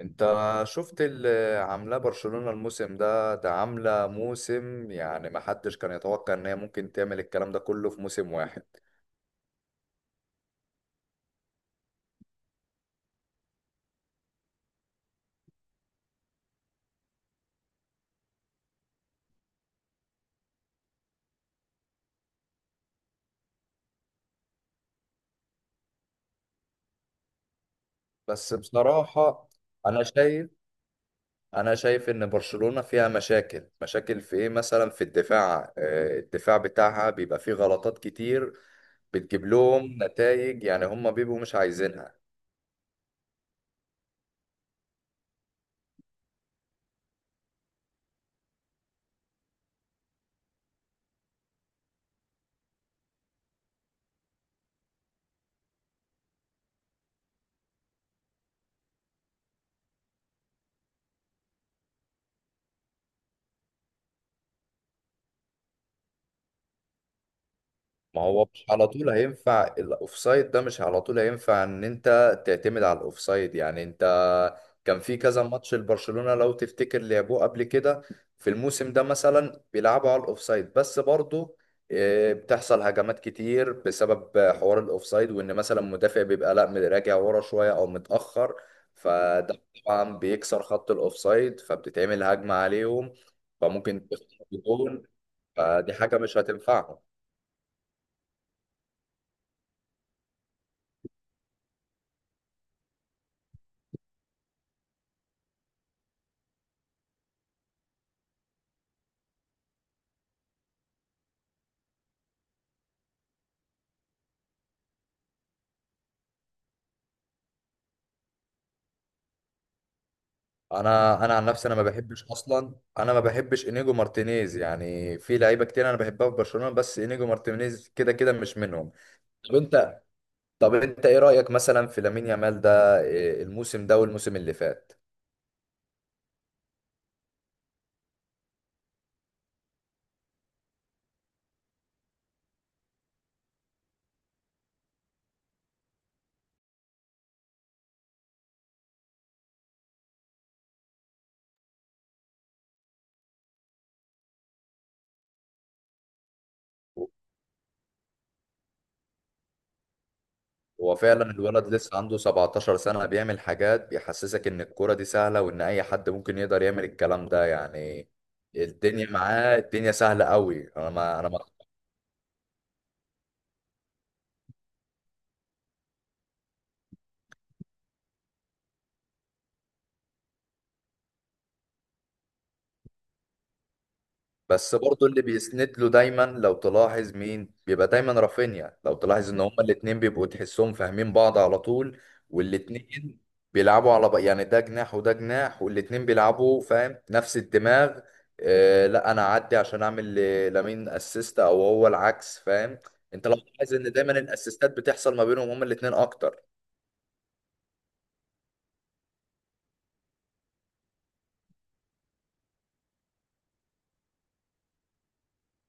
انت شفت اللي عاملاه برشلونة الموسم ده؟ ده عاملة موسم يعني ما حدش كان يتوقع ان هي ممكن تعمل الكلام ده كله في موسم واحد. بس بصراحة انا شايف انا شايف ان برشلونة فيها مشاكل في ايه، مثلا في الدفاع. الدفاع بتاعها بيبقى فيه غلطات كتير بتجيب لهم نتائج يعني هم بيبقوا مش عايزينها. ما هو مش على طول هينفع الاوفسايد ده، مش على طول هينفع ان انت تعتمد على الاوفسايد يعني. انت كان في كذا ماتش لبرشلونة لو تفتكر لعبوه قبل كده في الموسم ده مثلا بيلعبوا على الاوفسايد، بس برضه بتحصل هجمات كتير بسبب حوار الاوفسايد، وان مثلا مدافع بيبقى لا راجع ورا شوية او متأخر، فده طبعا بيكسر خط الاوفسايد فبتتعمل هجمة عليهم. فممكن تخسر بجون، فدي حاجة مش هتنفعهم. انا عن نفسي انا ما بحبش انيجو مارتينيز، يعني في لعيبه كتير انا بحبها في برشلونه، بس انيجو مارتينيز كده كده مش منهم. طب انت طب انت ايه رايك مثلا في لامين يامال ده؟ إيه الموسم ده والموسم اللي فات؟ هو فعلا الولد لسه عنده 17 سنه بيعمل حاجات بيحسسك ان الكوره دي سهله وان اي حد ممكن يقدر يعمل الكلام ده يعني. الدنيا معاه، الدنيا سهله قوي. انا ما انا ما بس برضو اللي بيسند له دايما لو تلاحظ مين؟ بيبقى دايما رافينيا. لو تلاحظ ان هما الاتنين بيبقوا تحسهم فاهمين بعض على طول، والاتنين بيلعبوا على يعني ده جناح وده جناح، والاتنين بيلعبوا فاهم نفس الدماغ. آه لا انا اعدي عشان اعمل لامين اسيست او هو العكس، فاهم؟ انت لو تلاحظ ان دايما الاسيستات بتحصل ما بينهم هما الاتنين اكتر.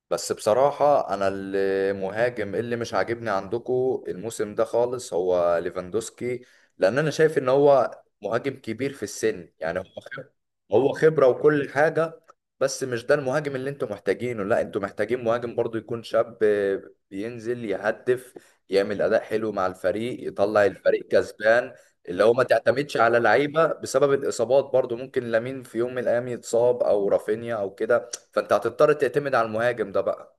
بس بصراحة أنا المهاجم اللي مش عاجبني عندكو الموسم ده خالص هو ليفاندوسكي، لأن أنا شايف إن هو مهاجم كبير في السن، يعني هو خبرة. هو خبرة وكل حاجة، بس مش ده المهاجم اللي أنتوا محتاجينه. لا أنتوا محتاجين مهاجم برضو يكون شاب، بينزل يهدف، يعمل أداء حلو مع الفريق، يطلع الفريق كسبان. اللي هو ما تعتمدش على لعيبة بسبب الإصابات، برضو ممكن لامين في يوم من الأيام يتصاب أو رافينيا أو كده، فانت هتضطر تعتمد على المهاجم ده بقى.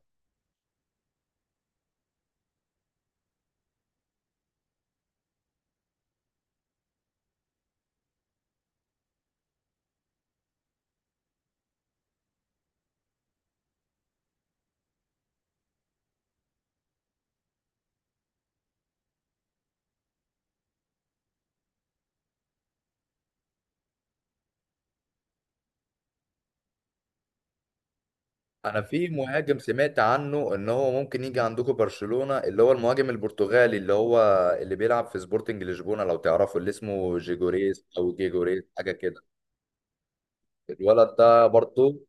انا في مهاجم سمعت عنه ان هو ممكن يجي عندكم برشلونة، اللي هو المهاجم البرتغالي اللي هو اللي بيلعب في سبورتنج لشبونة لو تعرفه، اللي اسمه جيجوريس او جيجوريس حاجة كده. الولد ده برضه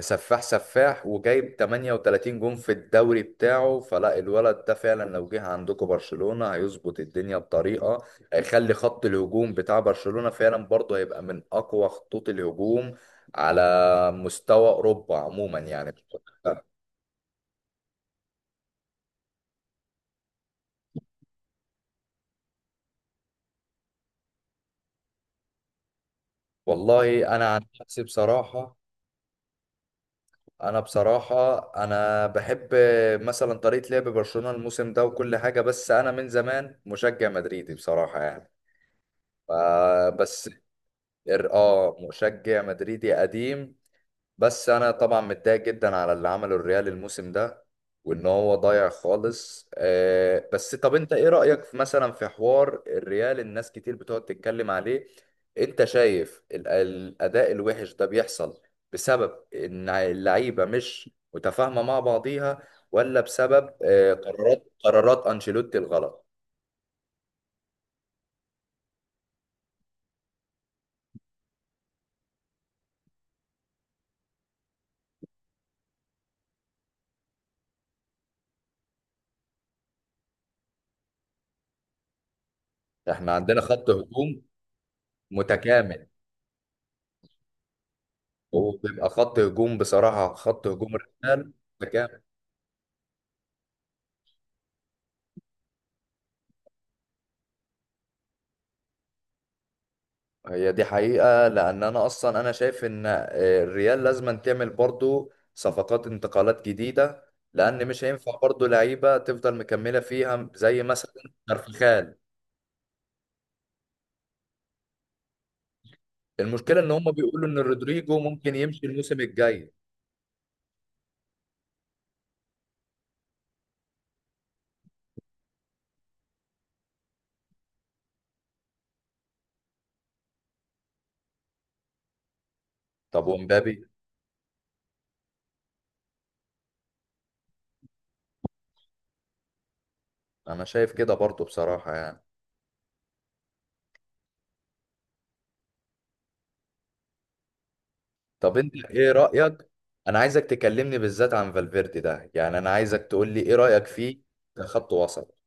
سفاح، سفاح وجايب 38 جون في الدوري بتاعه. فلا الولد ده فعلا لو جه عندكم برشلونة هيظبط الدنيا بطريقة، هيخلي خط الهجوم بتاع برشلونة فعلا برضه هيبقى من أقوى خطوط الهجوم على مستوى أوروبا عموما يعني. والله أنا عن نفسي بصراحة، أنا بصراحة أنا بحب مثلا طريقة لعب برشلونة الموسم ده وكل حاجة، بس أنا من زمان مشجع مدريدي بصراحة يعني. آه، بس ال- اه مشجع مدريدي قديم. بس انا طبعا متضايق جدا على اللي عمله الريال الموسم ده، وان هو ضايع خالص. آه، بس طب انت ايه رأيك في مثلا في حوار الريال؟ الناس كتير بتقعد تتكلم عليه. انت شايف الاداء الوحش ده بيحصل بسبب ان اللعيبة مش متفاهمة مع بعضيها، ولا بسبب قرارات انشيلوتي الغلط؟ احنا عندنا خط هجوم متكامل، وبيبقى خط هجوم بصراحة، خط هجوم الريال مكان. هي دي حقيقة، لأن أنا أصلا أنا شايف إن الريال لازم تعمل برضو صفقات انتقالات جديدة، لأن مش هينفع برضو لعيبة تفضل مكملة فيها زي مثلا كارفخال. المشكلة إن هم بيقولوا إن رودريجو ممكن يمشي الموسم الجاي. طب ومبابي؟ أنا شايف كده برضو بصراحة يعني. طب أنت إيه رأيك؟ أنا عايزك تكلمني بالذات عن فالفيردي ده، يعني أنا عايزك تقول لي إيه رأيك فيه كخط وسط؟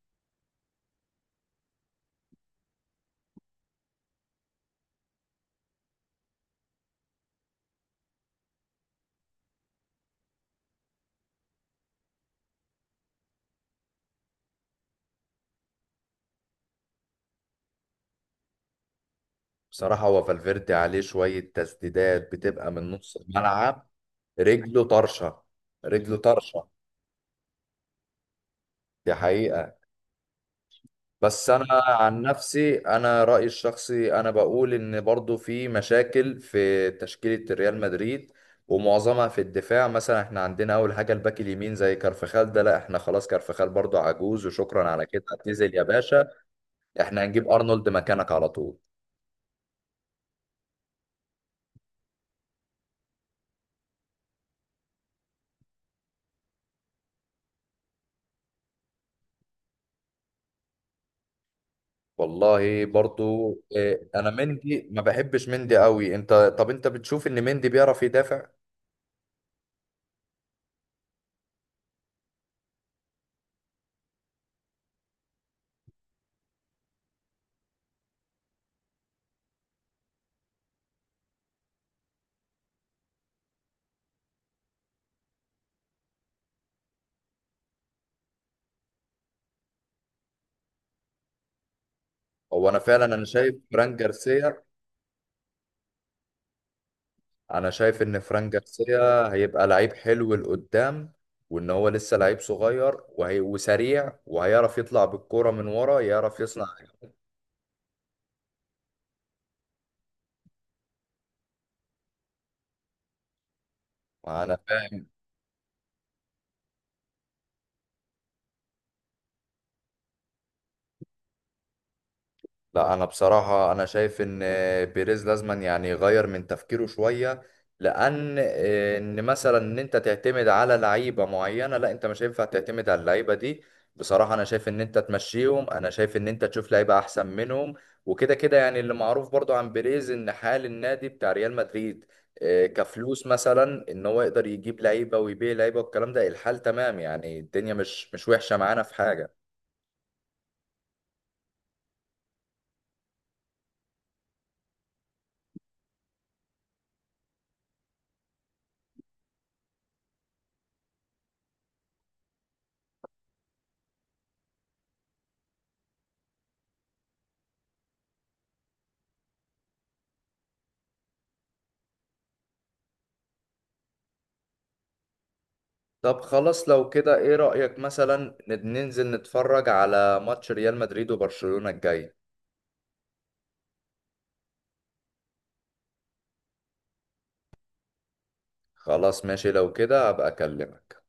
بصراحة هو فالفيردي عليه شوية تسديدات بتبقى من نص الملعب. رجله طرشة، رجله طرشة، دي حقيقة. بس أنا عن نفسي أنا رأيي الشخصي أنا بقول إن برضو في مشاكل في تشكيلة ريال مدريد، ومعظمها في الدفاع. مثلا احنا عندنا أول حاجة الباك اليمين زي كارفخال ده، لا احنا خلاص كارفخال برضو عجوز، وشكرا على كده اعتزل يا باشا. احنا هنجيب أرنولد مكانك على طول. والله برضو انا مندي ما بحبش مندي قوي. انت طب انت بتشوف ان مندي بيعرف يدافع؟ هو انا فعلا انا شايف فران جارسيا انا شايف ان فران جارسيا هيبقى لعيب حلو لقدام، وان هو لسه لعيب صغير وهي وسريع، وهيعرف يطلع بالكرة من ورا، يعرف يصنع. انا فاهم. لا انا بصراحه انا شايف ان بيريز لازما يعني يغير من تفكيره شويه، لان ان مثلا ان انت تعتمد على لعيبه معينه، لا انت مش هينفع تعتمد على اللعيبه دي. بصراحه انا شايف ان انت تمشيهم، انا شايف ان انت تشوف لعيبه احسن منهم. وكده كده يعني اللي معروف برضو عن بيريز ان حال النادي بتاع ريال مدريد كفلوس مثلا ان هو يقدر يجيب لعيبه ويبيع لعيبه والكلام ده، الحال تمام يعني، الدنيا مش وحشه معانا في حاجه. طب خلاص لو كده ايه رأيك مثلا ننزل نتفرج على ماتش ريال مدريد وبرشلونة الجاي؟ خلاص ماشي، لو كده هبقى اكلمك.